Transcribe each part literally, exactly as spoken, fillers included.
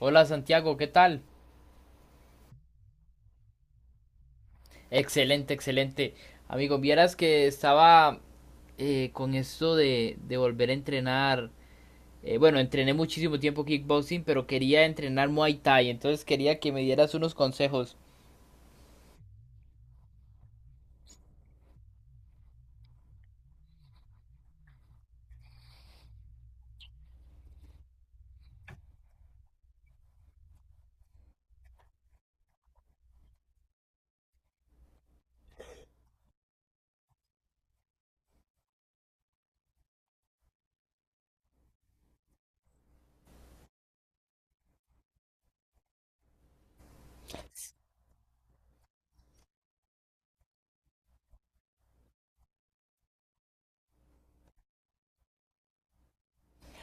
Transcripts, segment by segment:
Hola Santiago, ¿qué tal? Excelente, excelente. Amigo, vieras que estaba eh, con esto de, de volver a entrenar. eh, bueno, entrené muchísimo tiempo kickboxing, pero quería entrenar Muay Thai, entonces quería que me dieras unos consejos.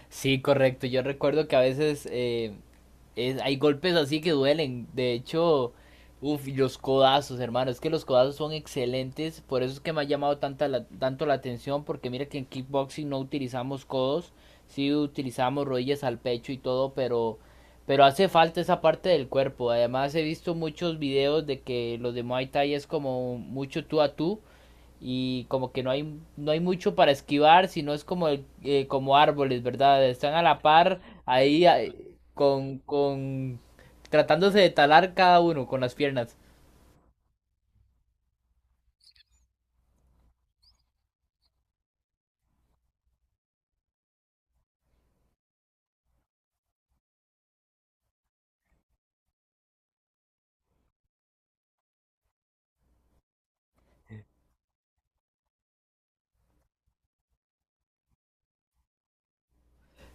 Sí, correcto. Yo recuerdo que a veces eh, es- hay golpes así que duelen. De hecho, uff, los codazos, hermano. Es que los codazos son excelentes. Por eso es que me ha llamado tanta la- tanto la atención. Porque mira que en kickboxing no utilizamos codos. Sí utilizamos rodillas al pecho y todo. Pero, pero hace falta esa parte del cuerpo. Además, he visto muchos videos de que los de Muay Thai es como mucho tú a tú y como que no hay no hay mucho para esquivar, sino es como el- eh, como árboles, ¿verdad? Están a la par ahí ah, con con tratándose de talar cada uno con las piernas.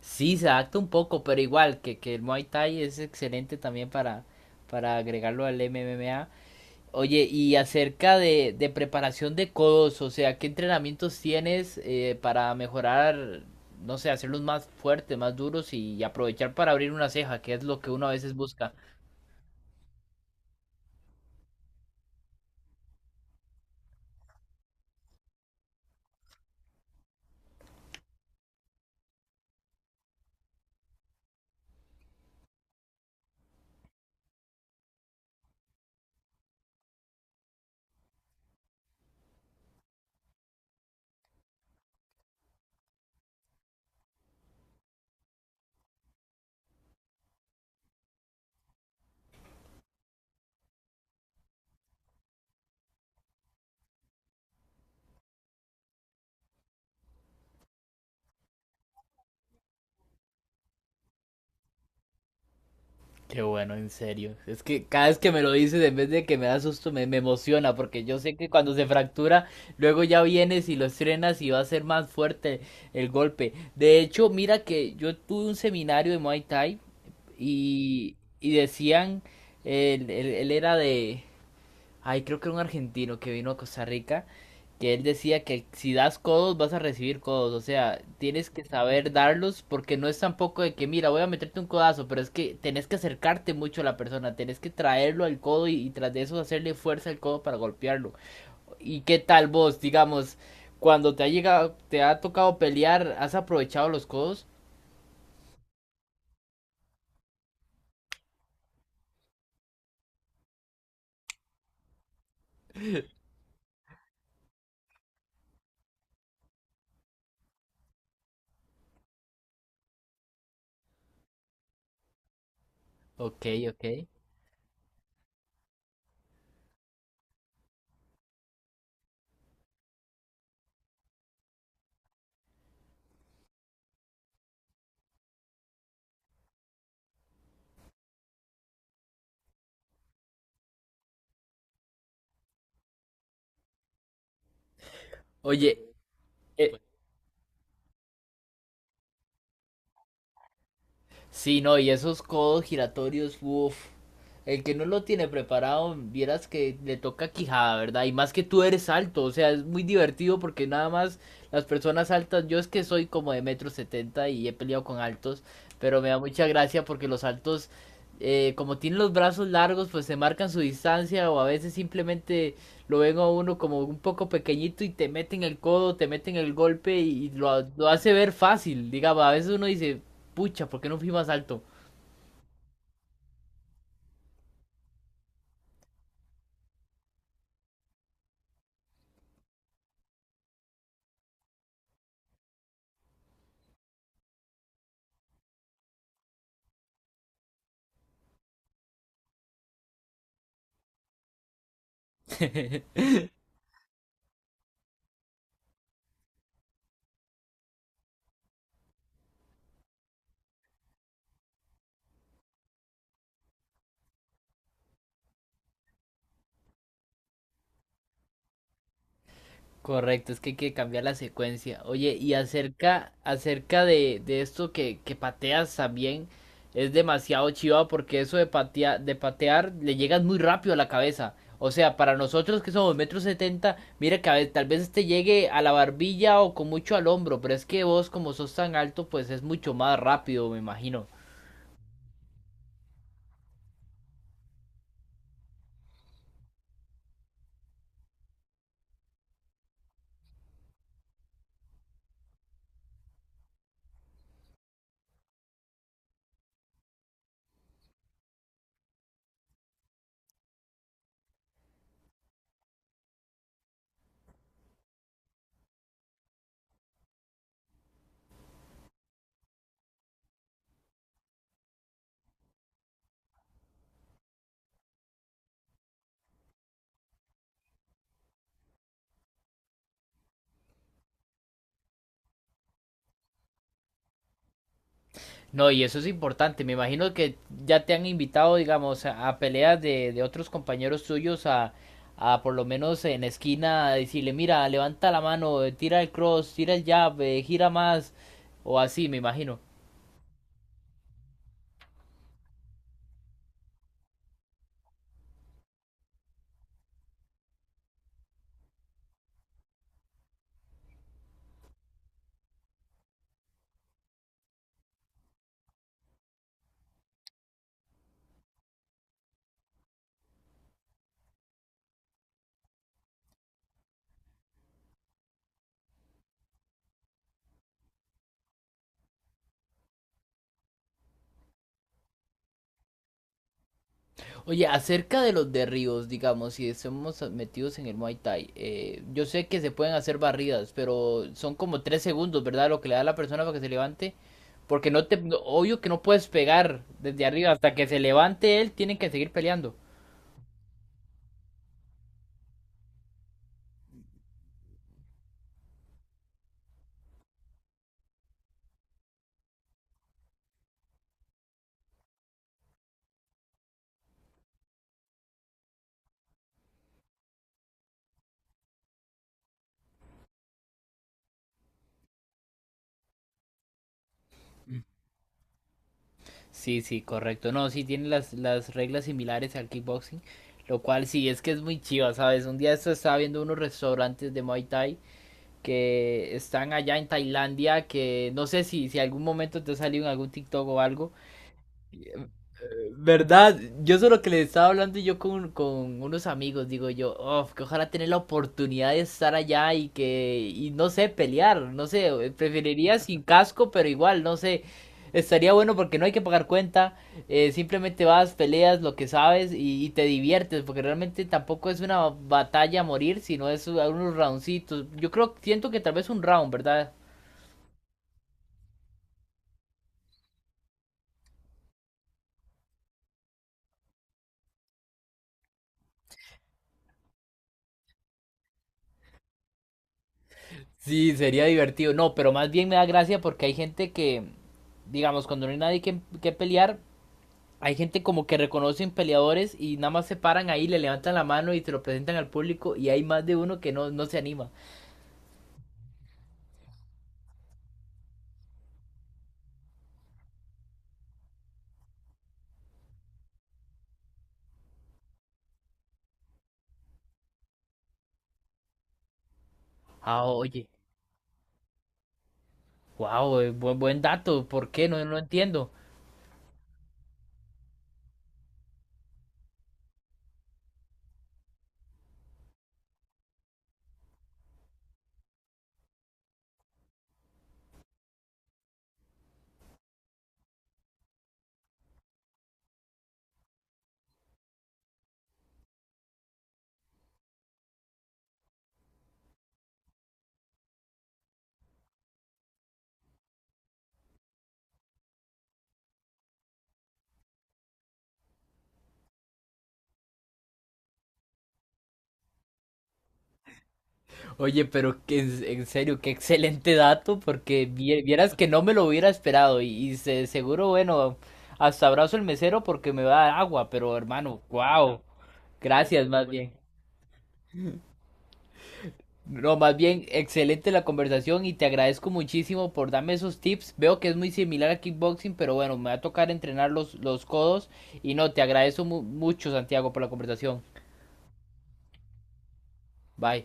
Sí, se adapta un poco, pero igual que que el Muay Thai es excelente también para para agregarlo al M M A. Oye, y acerca de, de preparación de codos, o sea, ¿qué entrenamientos tienes eh, para mejorar, no sé, hacerlos más fuertes, más duros y aprovechar para abrir una ceja, que es lo que uno a veces busca? Qué bueno, en serio. Es que cada vez que me lo dices, en vez de que me da susto, me, me emociona, porque yo sé que cuando se fractura, luego ya vienes y lo estrenas y va a ser más fuerte el golpe. De hecho, mira que yo tuve un seminario de Muay Thai y, y decían, él, él- él era de, ay, creo que era un argentino que vino a Costa Rica, que él decía que si das codos vas a recibir codos, o sea, tienes que saber darlos porque no es tampoco de que, mira, voy a meterte un codazo, pero es que tenés que acercarte mucho a la persona, tenés que traerlo al codo y, y tras de eso hacerle fuerza al codo para golpearlo. ¿Y qué tal vos, digamos, cuando te ha llegado, te ha tocado pelear, has aprovechado los codos? Ok, ok. Oye, eh, sí, no, y esos codos giratorios, uff. El que no lo tiene preparado, vieras que le toca quijada, ¿verdad? Y más que tú eres alto, o sea, es muy divertido porque nada más las personas altas, yo es que soy como de metro setenta y he peleado con altos, pero me da mucha gracia porque los altos, eh, como tienen los brazos largos, pues se marcan su distancia o a veces simplemente lo ven a uno como un poco pequeñito y te meten el codo, te meten el golpe y lo, lo hace ver fácil. Digamos, a veces uno dice, pucha, ¿por qué no fui más alto? Correcto, es que hay que cambiar la secuencia. Oye, y acerca, acerca de, de esto que, que pateas también, es demasiado chiva porque eso de patear, de patear le llegas muy rápido a la cabeza. O sea, para nosotros que somos metro setenta, mira que a ve- tal vez te llegue a la barbilla o con mucho al hombro, pero es que vos como sos tan alto, pues es mucho más rápido, me imagino. No, y eso es importante. Me imagino que ya te han invitado, digamos, a, a peleas de, de otros compañeros tuyos a, a por lo menos en esquina a decirle, mira, levanta la mano, eh, tira el cross, tira el jab, eh, gira más, o así, me imagino. Oye, acerca de los derribos, digamos, si estamos metidos en el Muay Thai, eh, yo sé que se pueden hacer barridas, pero son como tres segundos, ¿verdad? Lo que le da a la persona para que se levante. Porque no te, no- obvio que no puedes pegar desde arriba hasta que se levante él, tienen que seguir peleando. Sí, sí, correcto. No, sí tiene las, las reglas similares al kickboxing, lo cual sí es que es muy chiva, ¿sabes? Un día esto estaba viendo unos restaurantes de Muay Thai que están allá en Tailandia, que no sé si, si algún momento te ha salido en algún TikTok o algo, eh, ¿verdad? Yo solo que le estaba hablando yo con, con unos amigos, digo yo, "Uf, que ojalá tener la oportunidad de estar allá y que, y no sé, pelear, no sé, eh, preferiría sin casco, pero igual, no sé, estaría bueno porque no hay que pagar cuenta, eh, simplemente vas, peleas lo que sabes y, y te diviertes, porque realmente tampoco es una batalla a morir, sino es unos roundcitos, yo creo, siento que tal vez un round, ¿verdad? Sí, sería divertido. No, pero más bien me da gracia porque hay gente que, digamos, cuando no hay nadie que, que pelear, hay gente como que reconocen peleadores y nada más se paran ahí, le levantan la mano y te lo presentan al público y hay más de uno que no, no se anima. Ah, oye, wow, buen, buen dato, ¿por qué? No, no entiendo. Oye, pero que, en en serio, qué excelente dato porque vie- vieras que no me lo hubiera esperado y, y se- seguro, bueno, hasta abrazo el mesero porque me va a dar agua, pero hermano, wow, gracias más bien. No, más bien, excelente la conversación y te agradezco muchísimo por darme esos tips. Veo que es muy similar a kickboxing, pero bueno, me va a tocar entrenar los, los codos. Y no, te agradezco mu- mucho, Santiago, por la conversación. Bye.